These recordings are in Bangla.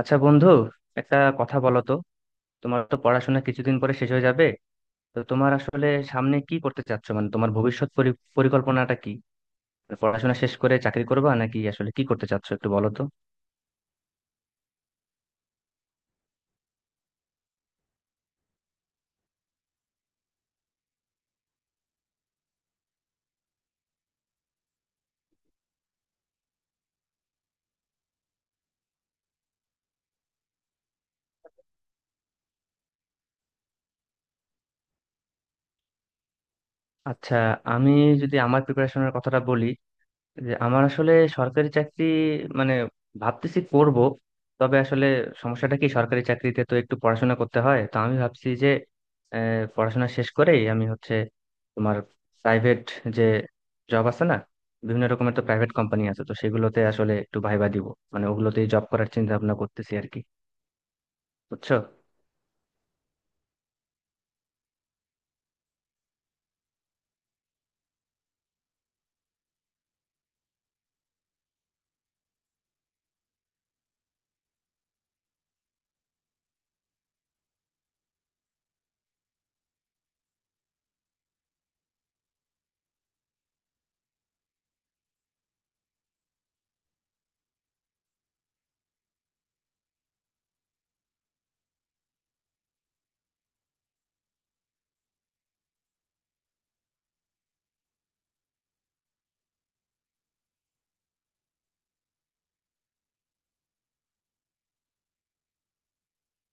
আচ্ছা বন্ধু, একটা কথা বলো তো। তোমার তো পড়াশোনা কিছুদিন পরে শেষ হয়ে যাবে। তো তোমার আসলে সামনে কি করতে চাচ্ছ, মানে তোমার ভবিষ্যৎ পরিকল্পনাটা কি? মানে পড়াশোনা শেষ করে চাকরি করবা নাকি আসলে কি করতে চাচ্ছ একটু বলো তো। আচ্ছা, আমি যদি আমার প্রিপারেশনের কথাটা বলি, যে আমার আসলে সরকারি চাকরি মানে ভাবতেছি করব। তবে আসলে সমস্যাটা কি, সরকারি চাকরিতে তো একটু পড়াশোনা করতে হয়। তো আমি ভাবছি যে পড়াশোনা শেষ করেই আমি হচ্ছে তোমার প্রাইভেট যে জব আছে না, বিভিন্ন রকমের তো প্রাইভেট কোম্পানি আছে, তো সেগুলোতে আসলে একটু ভাইবা দিব। মানে ওগুলোতেই জব করার চিন্তা ভাবনা করতেছি আর কি, বুঝছো।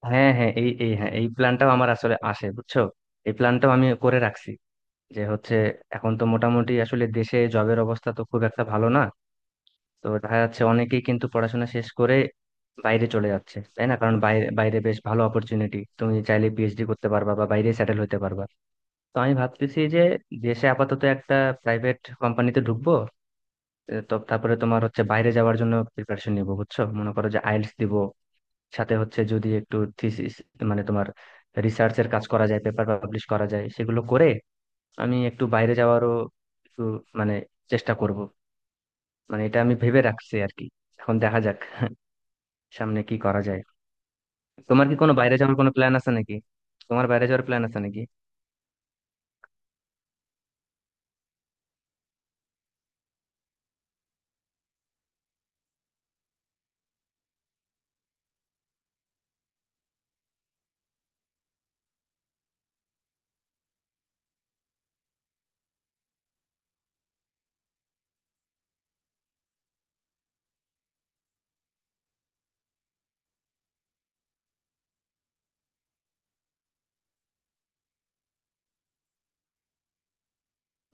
হ্যাঁ হ্যাঁ, এই এই হ্যাঁ এই প্ল্যানটাও আমার আসলে আসে বুঝছো। এই প্ল্যানটাও আমি করে রাখছি। যে হচ্ছে এখন তো মোটামুটি আসলে দেশে জবের অবস্থা তো খুব একটা ভালো না। তো দেখা যাচ্ছে অনেকেই কিন্তু পড়াশোনা শেষ করে বাইরে চলে যাচ্ছে, তাই না? কারণ বাইরে বাইরে বেশ ভালো অপরচুনিটি, তুমি চাইলে পিএইচডি করতে পারবা বা বাইরে সেটেল হতে পারবা। তো আমি ভাবতেছি যে দেশে আপাতত একটা প্রাইভেট কোম্পানিতে ঢুকবো। তো তারপরে তোমার হচ্ছে বাইরে যাওয়ার জন্য প্রিপারেশন নিবো বুঝছো, মনে করো যে আইএলটিএস দিব। সাথে হচ্ছে যদি একটু থিসিস মানে তোমার রিসার্চের কাজ করা যায়, পেপার পাবলিশ করা যায়, সেগুলো করে আমি একটু বাইরে যাওয়ারও একটু মানে চেষ্টা করব। মানে এটা আমি ভেবে রাখছি আর কি। এখন দেখা যাক সামনে কি করা যায়। তোমার কি কোনো বাইরে যাওয়ার কোনো প্ল্যান আছে নাকি? তোমার বাইরে যাওয়ার প্ল্যান আছে নাকি?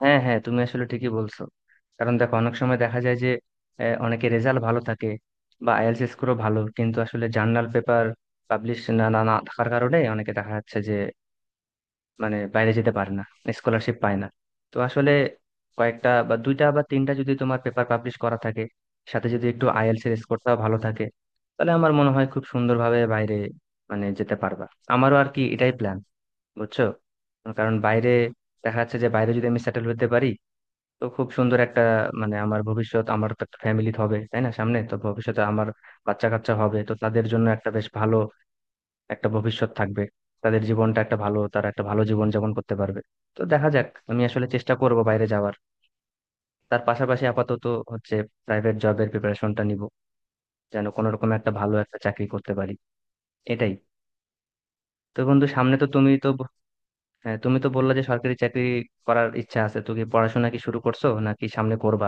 হ্যাঁ হ্যাঁ, তুমি আসলে ঠিকই বলছো। কারণ দেখো অনেক সময় দেখা যায় যে অনেকে রেজাল্ট ভালো থাকে বা আইএলটিএস স্কোরও ভালো, কিন্তু আসলে জার্নাল পেপার পাবলিশ না না না থাকার কারণে অনেকে দেখা যাচ্ছে যে মানে বাইরে যেতে পারে না, স্কলারশিপ পায় না। তো আসলে কয়েকটা বা দুইটা বা তিনটা যদি তোমার পেপার পাবলিশ করা থাকে, সাথে যদি একটু আইএলটিএস এর স্কোরটাও ভালো থাকে, তাহলে আমার মনে হয় খুব সুন্দরভাবে বাইরে মানে যেতে পারবা। আমারও আর কি এটাই প্ল্যান বুঝছো। কারণ বাইরে দেখা যাচ্ছে যে বাইরে যদি আমি সেটেল হতে পারি, তো খুব সুন্দর একটা মানে আমার ভবিষ্যৎ, আমার তো একটা ফ্যামিলি হবে তাই না, সামনে তো ভবিষ্যতে আমার বাচ্চা কাচ্চা হবে, তো তাদের জন্য একটা বেশ ভালো একটা ভবিষ্যৎ থাকবে। তাদের জীবনটা একটা ভালো, তারা একটা ভালো জীবন যাপন করতে পারবে। তো দেখা যাক, আমি আসলে চেষ্টা করব বাইরে যাওয়ার। তার পাশাপাশি আপাতত হচ্ছে প্রাইভেট জবের প্রিপারেশনটা নিব, যেন কোনো রকম একটা ভালো একটা চাকরি করতে পারি। এটাই। তো বন্ধু, সামনে তো তুমি তো হ্যাঁ, তুমি তো বললা যে সরকারি চাকরি করার ইচ্ছা আছে, তুমি কি পড়াশোনা কি শুরু করছো নাকি সামনে করবা?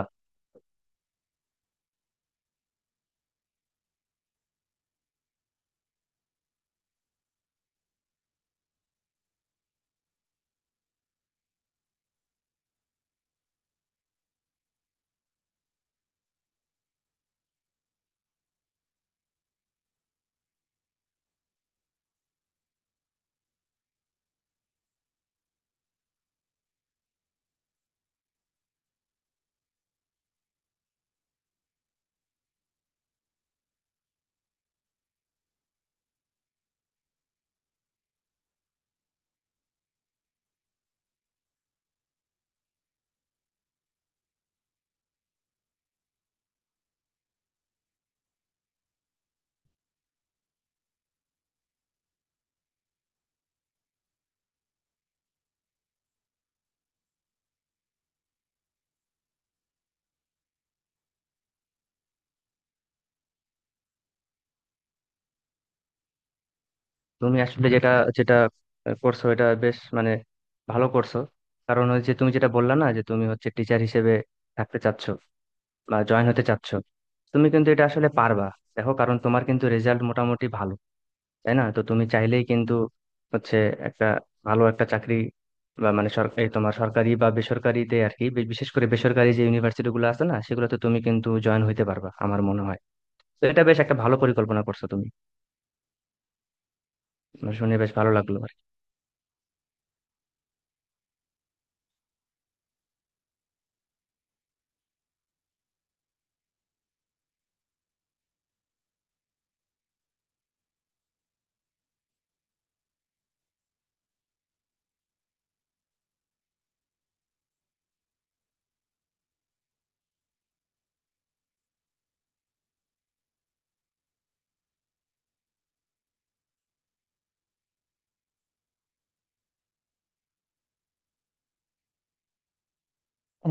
তুমি আসলে যেটা যেটা করছো এটা বেশ মানে ভালো করছো। কারণ ওই যে তুমি যেটা বললা না, যে তুমি হচ্ছে টিচার হিসেবে থাকতে চাচ্ছ বা জয়েন হতে চাচ্ছ, তুমি কিন্তু এটা আসলে পারবা। দেখো কারণ তোমার কিন্তু রেজাল্ট মোটামুটি ভালো তাই না, তো তুমি চাইলেই কিন্তু হচ্ছে একটা ভালো একটা চাকরি বা মানে এই তোমার সরকারি বা বেসরকারিতে আর কি, বিশেষ করে বেসরকারি যে ইউনিভার্সিটি গুলো আছে না, সেগুলোতে তুমি কিন্তু জয়েন হইতে পারবা আমার মনে হয়। তো এটা বেশ একটা ভালো পরিকল্পনা করছো তুমি, মানে শুনে বেশ ভালো লাগলো আর কি।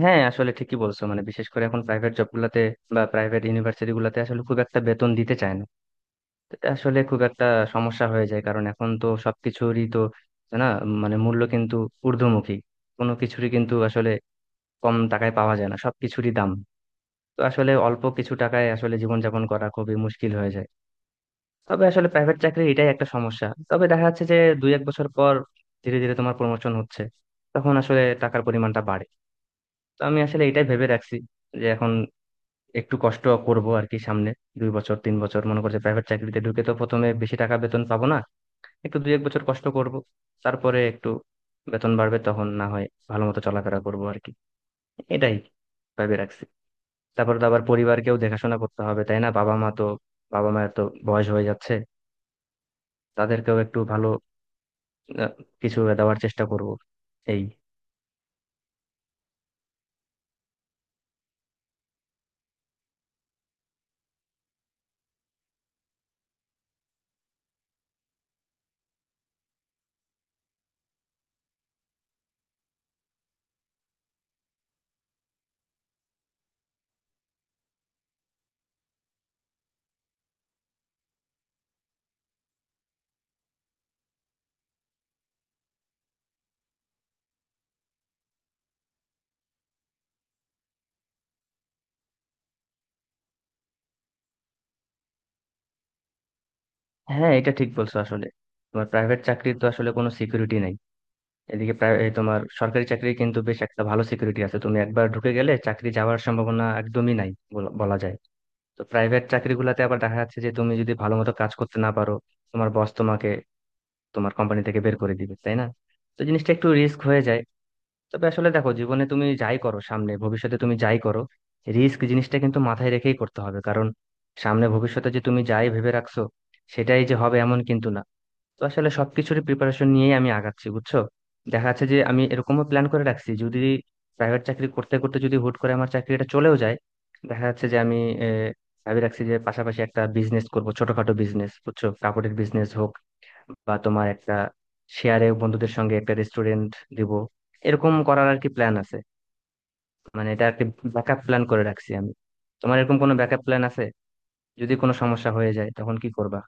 হ্যাঁ আসলে ঠিকই বলছো, মানে বিশেষ করে এখন প্রাইভেট জব গুলাতে বা প্রাইভেট ইউনিভার্সিটি গুলাতে আসলে খুব একটা বেতন দিতে চায় না। এটা আসলে খুব একটা সমস্যা হয়ে যায়, কারণ এখন তো সবকিছুরই তো না মানে মূল্য কিন্তু ঊর্ধ্বমুখী, কোনো কিছুরই কিন্তু আসলে কম টাকায় পাওয়া যায় না, সবকিছুরই দাম। তো আসলে অল্প কিছু টাকায় আসলে জীবনযাপন করা খুবই মুশকিল হয়ে যায়। তবে আসলে প্রাইভেট চাকরি এটাই একটা সমস্যা। তবে দেখা যাচ্ছে যে দুই এক বছর পর ধীরে ধীরে তোমার প্রমোশন হচ্ছে, তখন আসলে টাকার পরিমাণটা বাড়ে। তো আমি আসলে এটাই ভেবে রাখছি যে এখন একটু কষ্ট করব আর কি, সামনে দুই বছর তিন বছর মনে করছে প্রাইভেট চাকরিতে ঢুকে তো প্রথমে বেশি টাকা বেতন পাবো না, একটু দুই এক বছর কষ্ট করব। তারপরে একটু বেতন বাড়বে, তখন না হয় ভালো মতো চলাফেরা করবো আর কি। এটাই ভেবে রাখছি। তারপর তো আবার পরিবারকেও দেখাশোনা করতে হবে তাই না, বাবা মা তো, বাবা মায়ের তো বয়স হয়ে যাচ্ছে। তাদেরকেও একটু ভালো আহ, কিছু দেওয়ার চেষ্টা করব। এই। হ্যাঁ এটা ঠিক বলছো আসলে, তোমার প্রাইভেট চাকরির তো আসলে কোনো সিকিউরিটি নাই। এদিকে প্রায় এই তোমার সরকারি চাকরি কিন্তু বেশ একটা ভালো সিকিউরিটি আছে, তুমি একবার ঢুকে গেলে চাকরি যাওয়ার সম্ভাবনা একদমই নাই বলা বলা যায়। তো প্রাইভেট চাকরিগুলোতে আবার দেখা যাচ্ছে যে তুমি যদি ভালো মতো কাজ করতে না পারো, তোমার বস তোমাকে তোমার কোম্পানি থেকে বের করে দিবে তাই না। তো জিনিসটা একটু রিস্ক হয়ে যায়। তবে আসলে দেখো, জীবনে তুমি যাই করো, সামনে ভবিষ্যতে তুমি যাই করো, রিস্ক জিনিসটা কিন্তু মাথায় রেখেই করতে হবে। কারণ সামনে ভবিষ্যতে যে তুমি যাই ভেবে রাখছো, সেটাই যে হবে এমন কিন্তু না। তো আসলে সবকিছুরই প্রিপারেশন নিয়েই আমি আগাচ্ছি বুঝছো। দেখা যাচ্ছে যে আমি এরকমও প্ল্যান করে রাখছি, যদি প্রাইভেট চাকরি করতে করতে যদি হুট করে আমার চাকরিটা চলেও যায়, দেখা যাচ্ছে যে আমি আহ, ভাবি রাখছি যে পাশাপাশি একটা বিজনেস করব, ছোটখাটো বিজনেস বুঝছো, কাপড়ের বিজনেস হোক বা তোমার একটা শেয়ারে বন্ধুদের সঙ্গে একটা রেস্টুরেন্ট দিব, এরকম করার আর কি প্ল্যান আছে। মানে এটা একটা ব্যাকআপ প্ল্যান করে রাখছি আমি। তোমার এরকম কোনো ব্যাকআপ প্ল্যান আছে, যদি কোনো সমস্যা হয়ে যায় তখন কি করবা?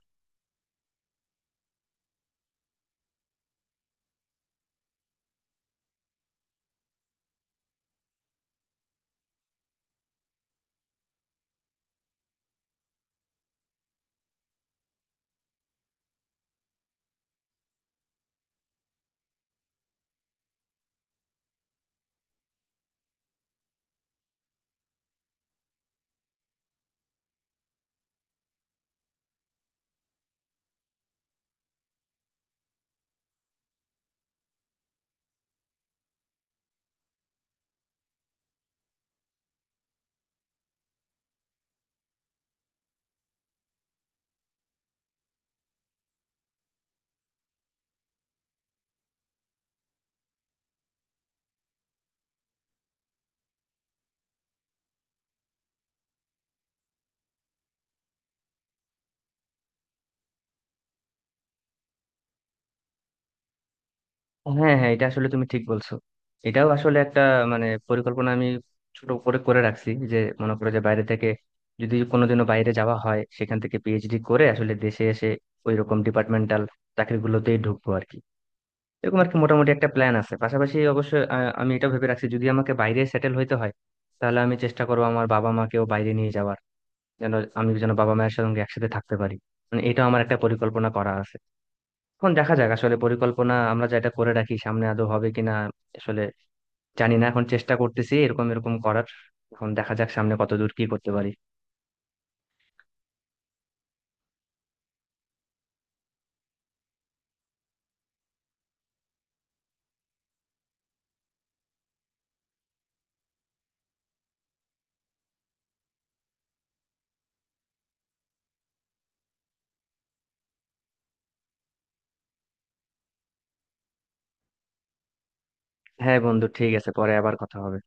হ্যাঁ হ্যাঁ, এটা আসলে তুমি ঠিক বলছো। এটাও আসলে একটা মানে পরিকল্পনা আমি ছোট করে করে রাখছি, যে মনে করো যে বাইরে থেকে যদি কোনোদিনও বাইরে যাওয়া হয়, সেখান থেকে পিএইচডি করে আসলে দেশে এসে ওই রকম ডিপার্টমেন্টাল চাকরিগুলোতেই ঢুকবো আর কি। এরকম আর কি মোটামুটি একটা প্ল্যান আছে। পাশাপাশি অবশ্য আমি এটা ভেবে রাখছি, যদি আমাকে বাইরে সেটেল হইতে হয়, তাহলে আমি চেষ্টা করবো আমার বাবা মাকেও বাইরে নিয়ে যাওয়ার, যেন আমি যেন বাবা মায়ের সঙ্গে একসাথে থাকতে পারি। মানে এটা আমার একটা পরিকল্পনা করা আছে। এখন দেখা যাক আসলে পরিকল্পনা আমরা যেটা করে রাখি সামনে আদৌ হবে কিনা আসলে জানি না। এখন চেষ্টা করতেছি এরকম এরকম করার। এখন দেখা যাক সামনে কতদূর কি করতে পারি। হ্যাঁ বন্ধু ঠিক আছে, পরে আবার কথা হবে।